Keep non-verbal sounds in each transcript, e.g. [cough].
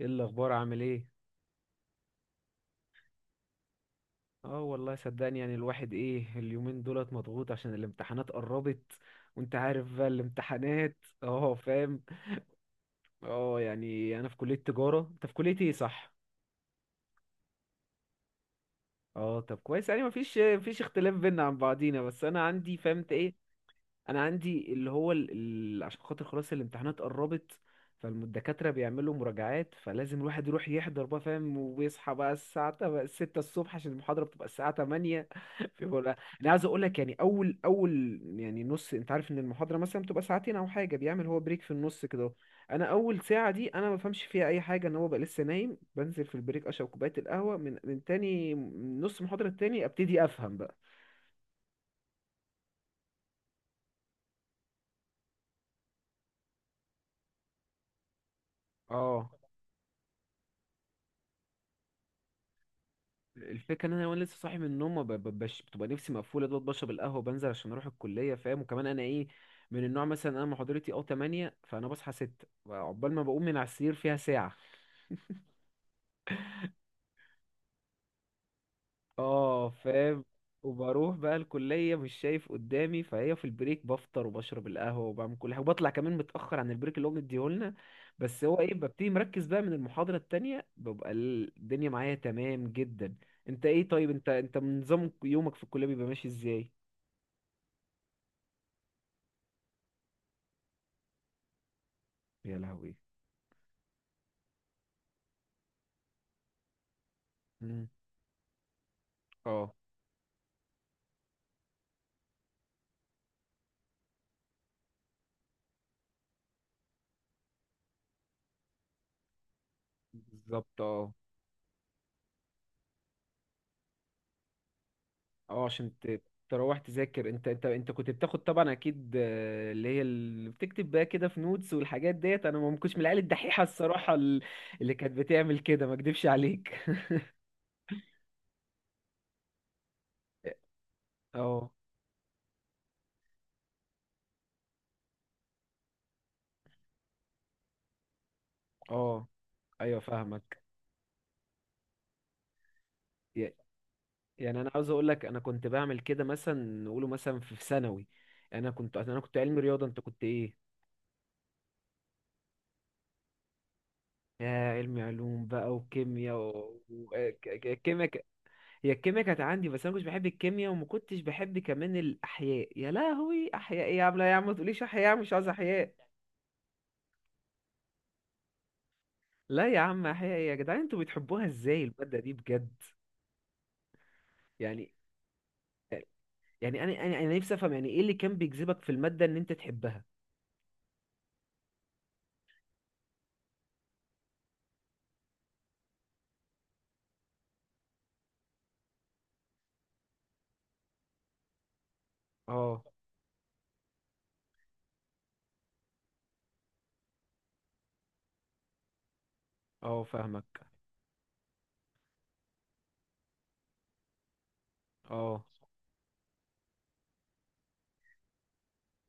ايه الاخبار؟ عامل ايه؟ اه، والله صدقني، يعني الواحد ايه اليومين دولت مضغوط عشان الامتحانات قربت، وانت عارف بقى الامتحانات. [laughs] اه فاهم. اه يعني انا في كلية تجارة، انت في كلية ايه؟ صح. اه طب كويس. يعني مفيش اختلاف بينا عن بعضينا. بس انا عندي، فهمت ايه، انا عندي اللي هو عشان خاطر خلاص الامتحانات قربت. فالدكاترة بيعملوا مراجعات، فلازم الواحد يروح يحضر بقى فاهم. وبيصحى بقى الساعة ستة الصبح عشان المحاضرة بتبقى الساعة تمانية. [laughs] فبقول أنا عايز أقول لك، يعني أول يعني نص، أنت عارف إن المحاضرة مثلا بتبقى ساعتين أو حاجة، بيعمل هو بريك في النص كده أهو. أنا أول ساعة دي أنا ما بفهمش فيها أي حاجة، إن هو بقى لسه نايم. بنزل في البريك أشرب كوباية القهوة، من تاني من نص المحاضرة التاني أبتدي أفهم بقى. اه الفكره ان انا وانا لسه صاحي من النوم، ما ب- ب- بش... بتبقى نفسي مقفوله دوت، بشرب القهوه، بنزل عشان اروح الكليه فاهم. وكمان انا ايه، من النوع مثلا انا محاضرتي اه 8، فانا بصحى 6، عقبال ما بقوم من على السرير فيها ساعه. اه فاهم. وبروح بقى الكلية مش شايف قدامي، فهي في البريك بفطر وبشرب القهوة وبعمل كل حاجة وبطلع كمان متأخر عن البريك اللي هو مديهولنا. بس هو ايه، ببتدي مركز بقى من المحاضرة التانية، ببقى الدنيا معايا تمام جدا. انت ايه طيب، انت من نظام يومك في الكلية بيبقى ماشي ازاي؟ يا لهوي. مم. اه. بالظبط اه. اه عشان تروح تذاكر. انت كنت بتاخد طبعا اكيد، اللي هي اللي بتكتب بقى كده في نوتس والحاجات ديت. انا ما كنتش من العيال الدحيحه الصراحه اللي كانت بتعمل كده، ما اكدبش عليك. اه. اه ايوه فاهمك. ي- يعني انا عاوز اقول لك انا كنت بعمل كده مثلا. نقوله مثلا في ثانوي. انا كنت علمي رياضه، انت كنت ايه؟ يا علمي علوم بقى، وكيمياء كيمياء. هي الكيمياء كانت عندي، بس انا مش بحب الكيمياء وما كنتش بحب كمان الاحياء. يا لهوي، احياء ايه يا عم؟ لا يا عم ما تقوليش احياء، مش عايز احياء. لا يا عم، احياء ايه يا جدعان؟ انتوا بتحبوها ازاي الماده دي بجد؟ يعني، يعني انا نفسي افهم يعني ايه اللي كان بيجذبك في الماده ان انت تحبها. اه. اه فاهمك. اه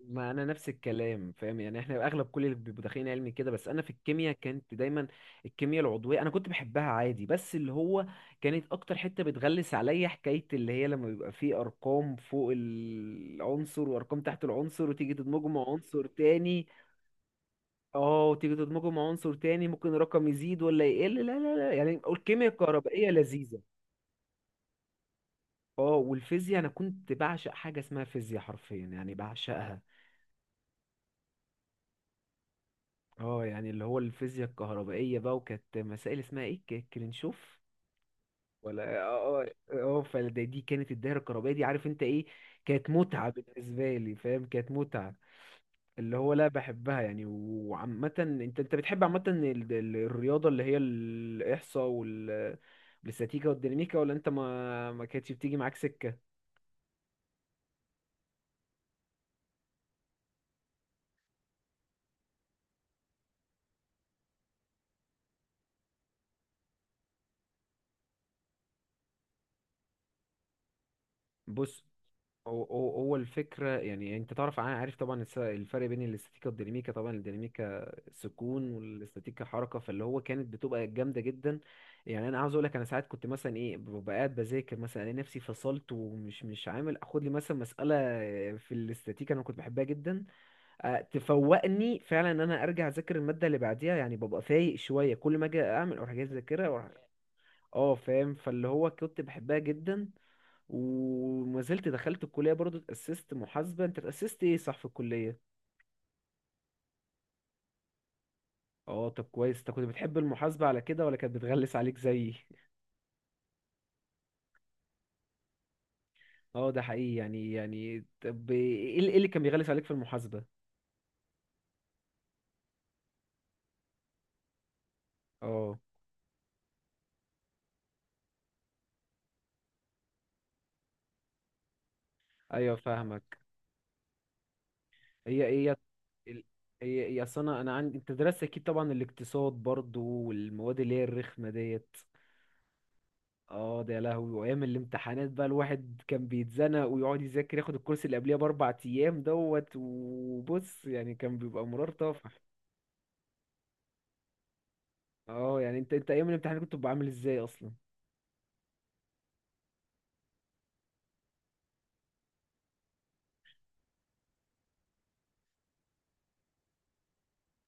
ما انا نفس الكلام فاهم، يعني احنا اغلب كل اللي بيبقوا داخلين علمي كده. بس انا في الكيمياء كانت دايما الكيمياء العضويه انا كنت بحبها عادي، بس اللي هو كانت اكتر حته بتغلس عليا حكايه اللي هي لما بيبقى فيه ارقام فوق العنصر وارقام تحت العنصر وتيجي تدمجه مع عنصر تاني. اه، وتيجي تدمجه مع عنصر تاني ممكن الرقم يزيد ولا يقل. لا لا لا، يعني الكيمياء الكهربائيه لذيذه. اه، والفيزياء انا كنت بعشق حاجه اسمها فيزياء، حرفيا يعني بعشقها. اه، يعني اللي هو الفيزياء الكهربائية بقى، وكانت مسائل اسمها ايه، كرنشوف. ولا اه اه اه، فدي كانت الدايرة الكهربائية دي، عارف انت ايه، كانت متعة بالنسبة لي فاهم، كانت متعة. اللي هو لا بحبها يعني. وعامة انت بتحب عامة الرياضة اللي هي الإحصاء والاستاتيكا والديناميكا، ولا انت ما كانتش بتيجي معاك سكة؟ بص، هو الفكرة، يعني انت تعرف، عارف طبعا الفرق بين الاستاتيكا والديناميكا. طبعا الديناميكا سكون والاستاتيكا حركة، فاللي هو كانت بتبقى جامدة جدا. يعني انا عاوز اقول لك، انا ساعات كنت مثلا ايه ببقى قاعد بذاكر، مثلا الاقي نفسي فصلت، ومش مش عامل اخد لي مثلا مسألة في الاستاتيكا انا كنت بحبها جدا. تفوقني فعلا ان انا ارجع اذاكر المادة اللي بعديها. يعني ببقى فايق شوية كل ما اجي اعمل اروح جاي اذاكرها اه فاهم، فاللي هو كنت بحبها جدا وما زلت. دخلت الكلية برضو اتأسست محاسبة، انت اتأسست ايه؟ صح، في الكلية. اه طب كويس، انت كنت بتحب المحاسبة على كده ولا كانت بتغلس عليك زيي؟ [laughs] اه ده حقيقي. يعني طب ايه اللي، إيه اللي كان بيغلس عليك في المحاسبة؟ اه. ايوه فاهمك. هي ايه ال- هي اصل انا عندي، انت درست اكيد طبعا الاقتصاد برضو والمواد اللي هي الرخمة ديت. اه ده يا لهوي، وايام الامتحانات بقى الواحد كان بيتزنق ويقعد يذاكر، ياخد الكورس اللي قبليها باربع ايام دوت. وبص يعني كان بيبقى مرار طافح. اه يعني انت ايام الامتحان كنت بتبقى عامل ازاي اصلا؟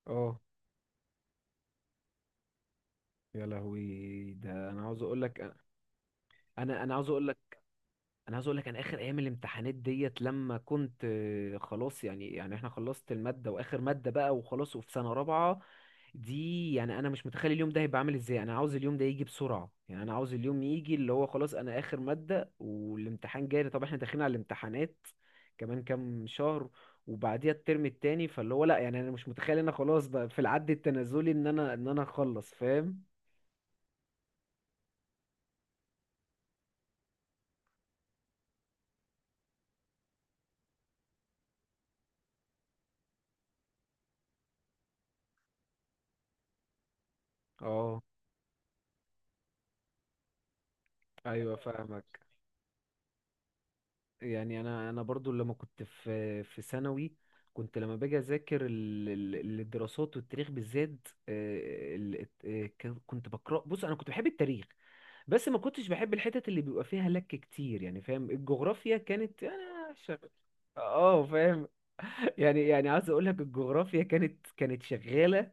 اه يا لهوي. ده انا عاوز اقول لك، انا انا عاوز اقول لك انا عاوز اقول لك انا اخر ايام الامتحانات ديت لما كنت خلاص. يعني احنا خلصت الماده واخر ماده بقى، وخلاص وفي سنه رابعه دي. يعني انا مش متخيل اليوم ده هيبقى عامل ازاي. انا عاوز اليوم ده يجي بسرعه، يعني انا عاوز اليوم يجي اللي هو خلاص انا اخر ماده والامتحان جاي. طب احنا داخلين على الامتحانات كمان كام شهر، وبعديها الترم التاني، فاللي هو لا، يعني انا مش متخيل ان انا خلاص بقى في العد التنازلي ان انا، اخلص فاهم. اه. ايوه فاهمك. يعني انا برضو لما كنت في ثانوي، كنت لما باجي اذاكر الدراسات والتاريخ بالذات، كنت بقرا، بص انا كنت بحب التاريخ. بس ما كنتش بحب الحتت اللي بيبقى فيها لك كتير يعني فاهم. الجغرافيا كانت اه فاهم. [laughs] يعني عاوز اقول لك الجغرافيا كانت شغاله.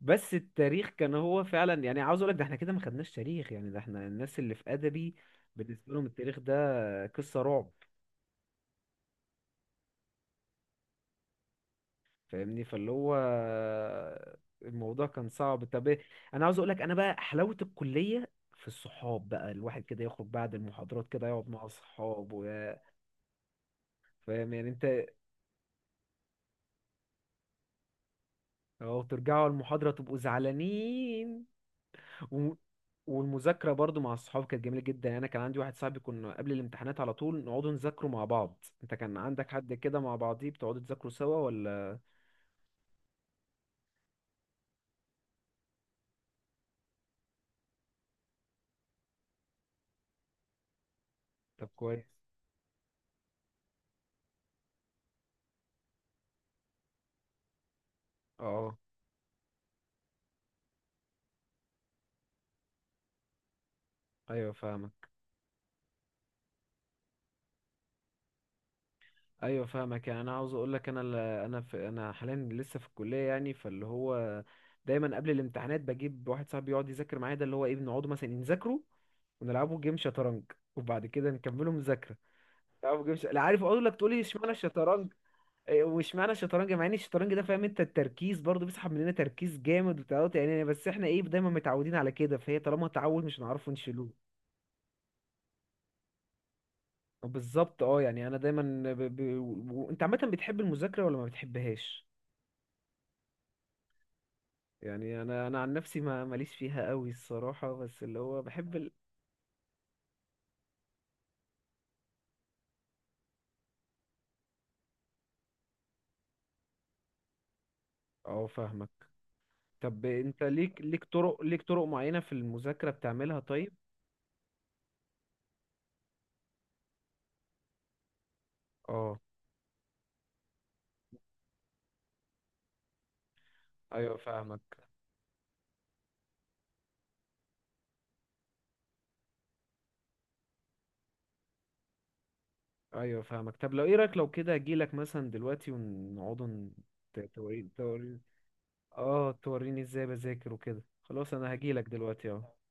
بس التاريخ كان هو فعلا، يعني عاوز اقول لك ده احنا كده ما خدناش تاريخ يعني، ده احنا الناس اللي في ادبي بالنسبه لهم التاريخ ده قصه رعب فاهمني. فاللي هو الموضوع كان صعب. طب إيه؟ انا عاوز اقول لك انا بقى حلاوه الكليه في الصحاب بقى، الواحد كده يخرج بعد المحاضرات كده يقعد مع اصحابه فاهم، يعني انت أو ترجعوا المحاضرة تبقوا زعلانين و... والمذاكرة برضو مع الصحاب كانت جميلة جدا. يعني أنا كان عندي واحد صاحبي كنا قبل الامتحانات على طول نقعدوا نذاكروا مع بعض. أنت كان عندك حد كده مع بعضيه بتقعدوا تذاكروا سوا ولا؟ طب كويس. اه أيوه فاهمك. أيوه فاهمك. يعني أنا عاوز أقول لك أنا، أنا حاليا لسه في الكلية، يعني فاللي هو دايما قبل الامتحانات بجيب واحد صاحبي يقعد يذاكر معايا. ده اللي هو إيه، بنقعدوا مثلا نذاكروا ونلعبوا جيم شطرنج وبعد كده نكملوا مذاكرة. لا ما بجيبش. لا عارف اقول لك تقول لي اشمعنى الشطرنج. إيه، واشمعنى الشطرنج مع ان الشطرنج ده فاهم انت التركيز برضه بيسحب مننا تركيز جامد وتعود، يعني بس احنا ايه دايما متعودين على كده، فهي طالما تعود مش هنعرفه نشيلوه. بالظبط اه. يعني انا دايما انت عامه بتحب المذاكره ولا ما بتحبهاش؟ يعني انا عن نفسي ما ماليش فيها قوي الصراحه، بس اللي هو بحب اه فاهمك. طب انت ليك طرق معينه في المذاكره بتعملها؟ طيب. اه ايوه فاهمك. ايوه فاهمك. طب لو ايه رايك لو كده اجيلك مثلا دلوقتي ونقعدوا توري توري. اه توريني ازاي بذاكر وكده. خلاص انا هجيلك دلوقتي اهو.